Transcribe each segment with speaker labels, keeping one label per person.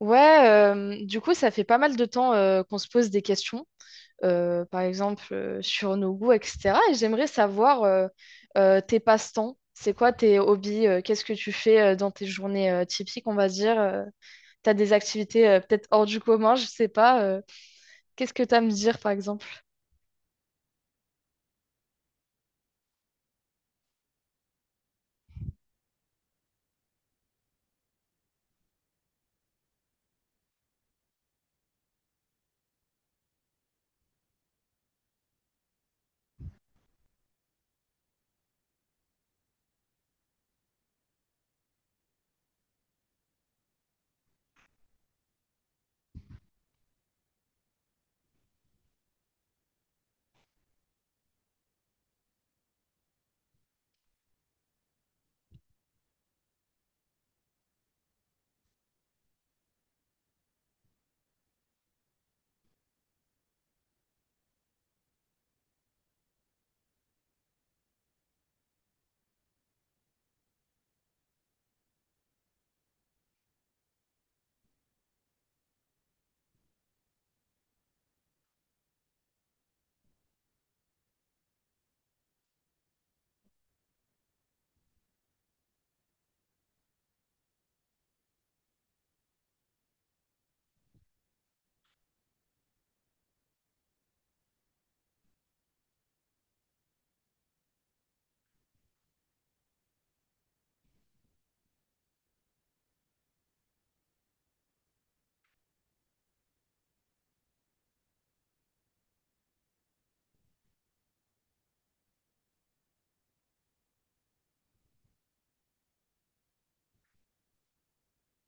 Speaker 1: Ouais, du coup, ça fait pas mal de temps qu'on se pose des questions, par exemple sur nos goûts, etc. Et j'aimerais savoir tes passe-temps, c'est quoi tes hobbies, qu'est-ce que tu fais dans tes journées typiques, on va dire. T'as des activités peut-être hors du commun, je sais pas. Qu'est-ce que t'as à me dire, par exemple?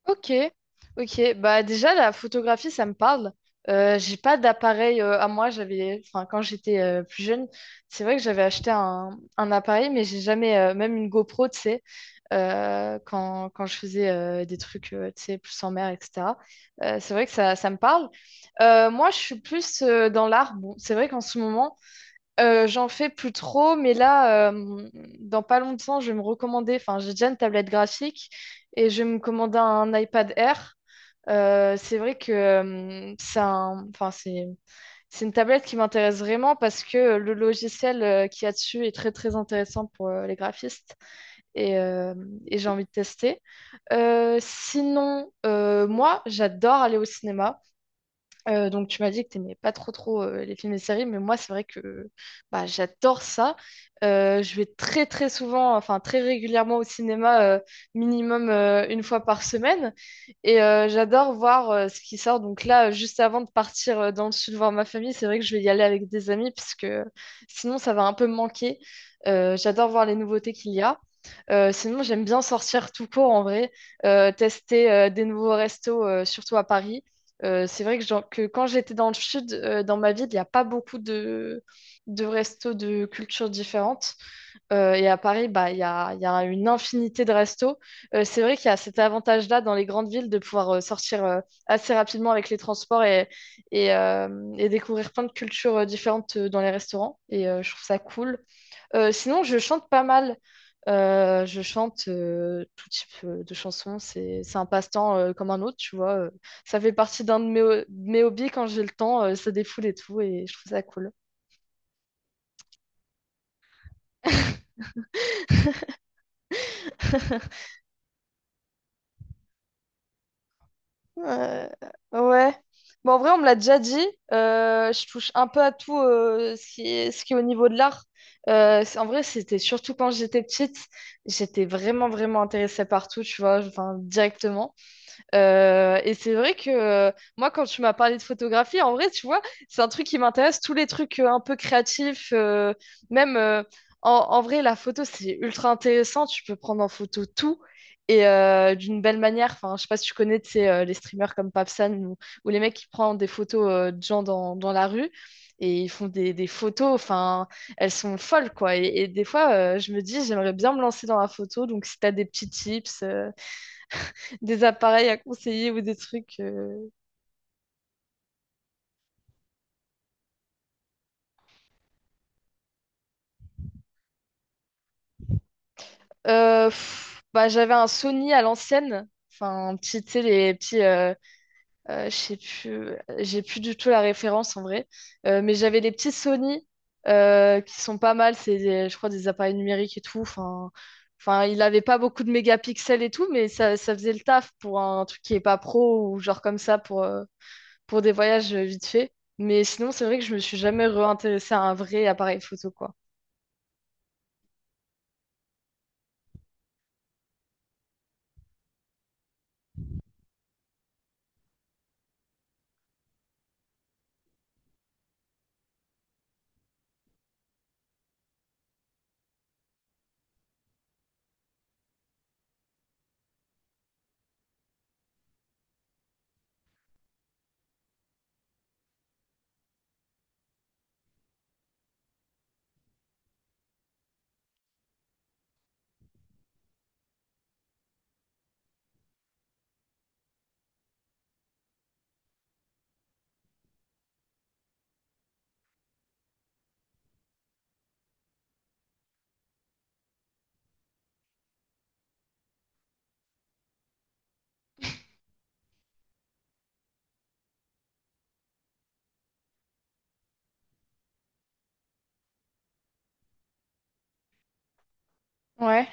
Speaker 1: Ok, ok. Bah déjà la photographie, ça me parle. J'ai pas d'appareil à moi. J'avais, enfin quand j'étais plus jeune, c'est vrai que j'avais acheté un appareil, mais j'ai jamais, même une GoPro, tu sais, quand je faisais des trucs, tu sais, plus en mer, etc. C'est vrai que ça me parle. Moi, je suis plus dans l'art. Bon, c'est vrai qu'en ce moment, j'en fais plus trop, mais là, dans pas longtemps, je vais me recommander, enfin, j'ai déjà une tablette graphique et je vais me commander un iPad Air. C'est vrai que enfin, c'est une tablette qui m'intéresse vraiment parce que le logiciel qu'il y a dessus est très très intéressant pour les graphistes et, euh, et j'ai envie de tester. Sinon, moi, j'adore aller au cinéma. Donc tu m'as dit que tu n'aimais pas trop trop les films et les séries, mais moi c'est vrai que bah, j'adore ça. Je vais très très souvent, enfin très régulièrement au cinéma, minimum une fois par semaine. Et j'adore voir ce qui sort. Donc là, juste avant de partir dans le sud voir ma famille, c'est vrai que je vais y aller avec des amis, puisque sinon ça va un peu me manquer. J'adore voir les nouveautés qu'il y a. Sinon, j'aime bien sortir tout court en vrai, tester des nouveaux restos, surtout à Paris. C'est vrai que, genre, que quand j'étais dans le sud, dans ma ville, il n'y a pas beaucoup de restos de cultures différentes. Et à Paris, bah, il y a une infinité de restos. C'est vrai qu'il y a cet avantage-là dans les grandes villes de pouvoir sortir assez rapidement avec les transports et découvrir plein de cultures différentes dans les restaurants. Et je trouve ça cool. Sinon, je chante pas mal. Je chante tout type de chansons. C'est un passe-temps comme un autre, tu vois. Ça fait partie d'un de mes hobbies quand j'ai le temps. Ça défoule et tout. Et je trouve ça cool. Euh, ouais. Bon, en vrai, on me l'a déjà dit. Je touche un peu à tout ce qui est au niveau de l'art. En vrai, c'était surtout quand j'étais petite, j'étais vraiment, vraiment intéressée par tout, tu vois, enfin, directement. Et c'est vrai que moi, quand tu m'as parlé de photographie, en vrai, tu vois, c'est un truc qui m'intéresse, tous les trucs un peu créatifs, même en, en vrai, la photo, c'est ultra intéressant, tu peux prendre en photo tout. Et d'une belle manière, enfin, je sais pas si tu connais, tu sais, les streamers comme Papsan ou les mecs qui prennent des photos de gens dans la rue et ils font des photos, enfin, elles sont folles, quoi. Et des fois, je me dis, j'aimerais bien me lancer dans la photo, donc si tu as des petits tips, des appareils à conseiller ou des trucs. Bah, j'avais un Sony à l'ancienne. Enfin, un petit, tu sais, les petits. Je sais plus. J'ai plus du tout la référence en vrai. Mais j'avais des petits Sony qui sont pas mal. Je crois, des appareils numériques et tout. Enfin, il avait pas beaucoup de mégapixels et tout, mais ça faisait le taf pour un truc qui est pas pro ou genre comme ça pour des voyages vite fait. Mais sinon, c'est vrai que je me suis jamais réintéressée à un vrai appareil photo, quoi. Ouais.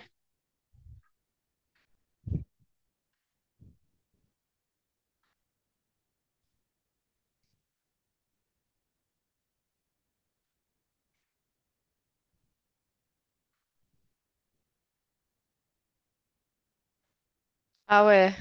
Speaker 1: Ah ouais.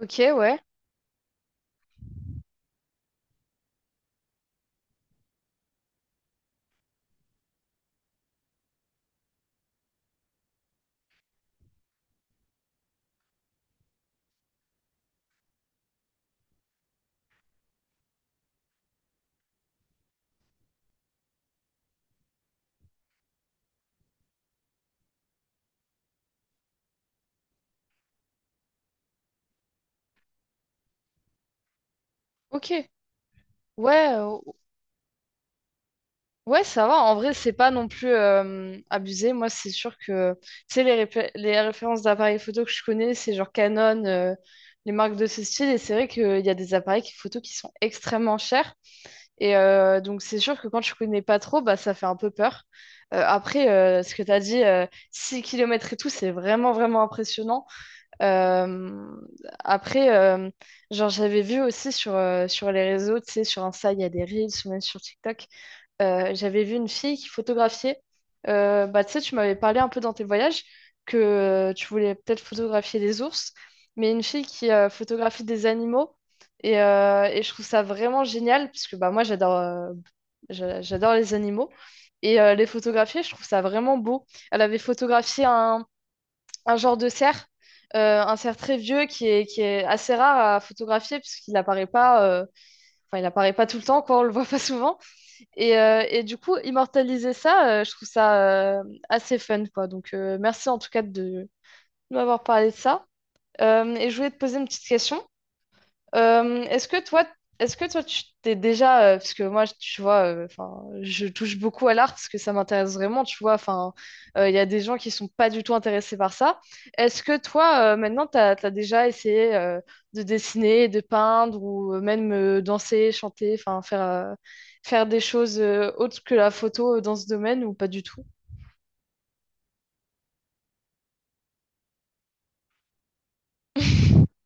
Speaker 1: Ok, ouais. Ok. Ouais, euh, ouais, ça va. En vrai, c'est pas non plus abusé. Moi, c'est sûr que, tu sais, les références d'appareils photo que je connais, c'est genre Canon, les marques de ce style. Et c'est vrai qu'il y a des photo qui sont extrêmement chers. Et donc, c'est sûr que quand tu connais pas trop, bah, ça fait un peu peur. Après, ce que tu as dit, 6 km et tout, c'est vraiment, vraiment impressionnant. Euh, Après, genre, j'avais vu aussi sur, sur les réseaux, tu sais, sur Insta, il y a des Reels ou même sur TikTok. J'avais vu une fille qui photographiait. Bah, tu sais, tu m'avais parlé un peu dans tes voyages que tu voulais peut-être photographier des ours, mais une fille qui photographie des animaux. Et je trouve ça vraiment génial parce que bah, moi, j'adore j'adore les animaux. Et les photographier, je trouve ça vraiment beau. Elle avait photographié un genre de cerf, un cerf très vieux qui est assez rare à photographier puisqu'il apparaît pas, enfin, il apparaît pas tout le temps, quoi, on le voit pas souvent. Et du coup, immortaliser ça, je trouve ça assez fun, quoi. Donc, merci en tout cas de m'avoir parlé de ça. Et je voulais te poser une petite question. Euh, est-ce que toi, est-ce que toi, tu t'es déjà, parce que moi, tu vois, enfin, je touche beaucoup à l'art parce que ça m'intéresse vraiment, tu vois, enfin, il y a des gens qui sont pas du tout intéressés par ça. Est-ce que toi, maintenant, t'as déjà essayé de dessiner, de peindre ou même danser, chanter, enfin, faire des choses autres que la photo dans ce domaine ou pas du tout?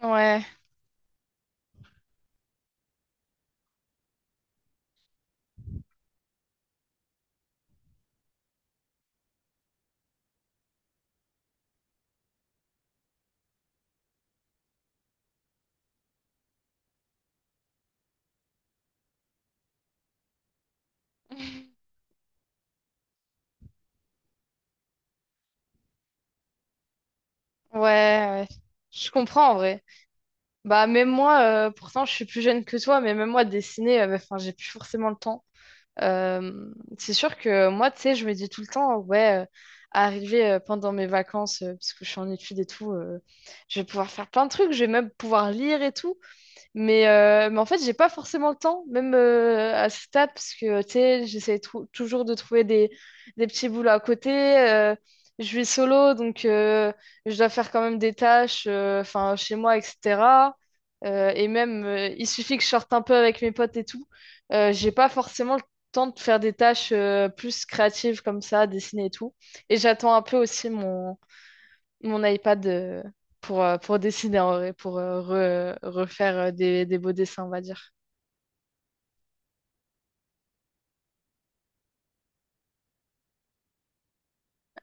Speaker 1: Ouais, ouais. Je comprends en vrai. Bah, même moi, pourtant, je suis plus jeune que toi, mais même moi, dessiner, enfin, j'ai plus forcément le temps. C'est sûr que moi, tu sais, je me dis tout le temps, ouais, arriver pendant mes vacances, parce que je suis en études et tout, je vais pouvoir faire plein de trucs, je vais même pouvoir lire et tout. Mais en fait, j'ai pas forcément le temps, même à ce stade, parce que tu sais, toujours de trouver des petits boulots à côté. euh, je vis solo, donc je dois faire quand même des tâches enfin, chez moi, etc. Et même, il suffit que je sorte un peu avec mes potes et tout. J'ai pas forcément le temps de faire des tâches plus créatives comme ça, dessiner et tout. Et j'attends un peu aussi mon iPad pour dessiner en vrai, pour refaire des beaux dessins, on va dire.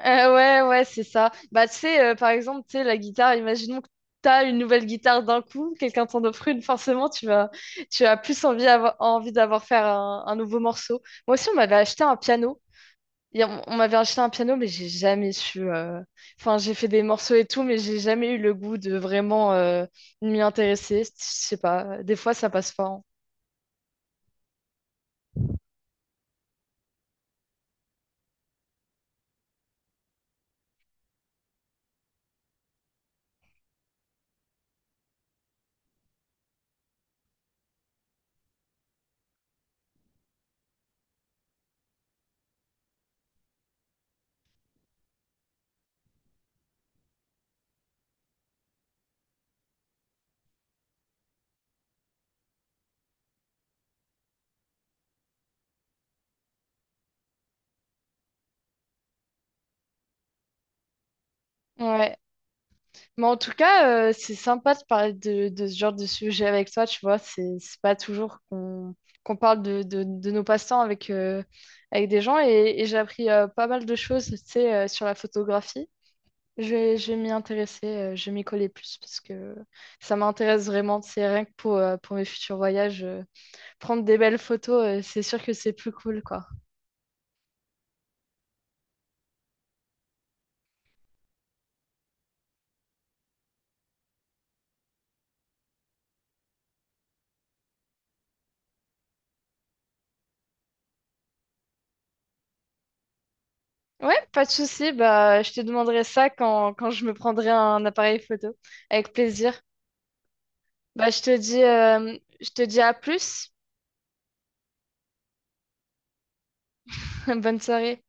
Speaker 1: Ouais, c'est ça. Bah, tu sais, par exemple, tu sais, la guitare, imaginons que tu as une nouvelle guitare d'un coup, quelqu'un t'en offre une, forcément, tu as plus envie, envie d'avoir faire un nouveau morceau. Moi aussi, on m'avait acheté un piano. Et on m'avait acheté un piano, mais j'ai jamais su. Enfin, j'ai fait des morceaux et tout, mais j'ai jamais eu le goût de vraiment m'y intéresser. Je sais pas, des fois, ça passe pas, hein. Ouais. Mais en tout cas, c'est sympa de parler de ce genre de sujet avec toi, tu vois. C'est pas toujours qu'on parle de nos passe-temps avec, avec des gens. Et j'ai appris pas mal de choses, tu sais, sur la photographie. Je vais m'y intéresser, je vais m'y coller plus parce que ça m'intéresse vraiment. C'est rien que pour mes futurs voyages. Prendre des belles photos, c'est sûr que c'est plus cool, quoi. Ouais, pas de souci. Bah, je te demanderai ça quand je me prendrai un appareil photo. Avec plaisir. Bah, je te dis à plus. Bonne soirée.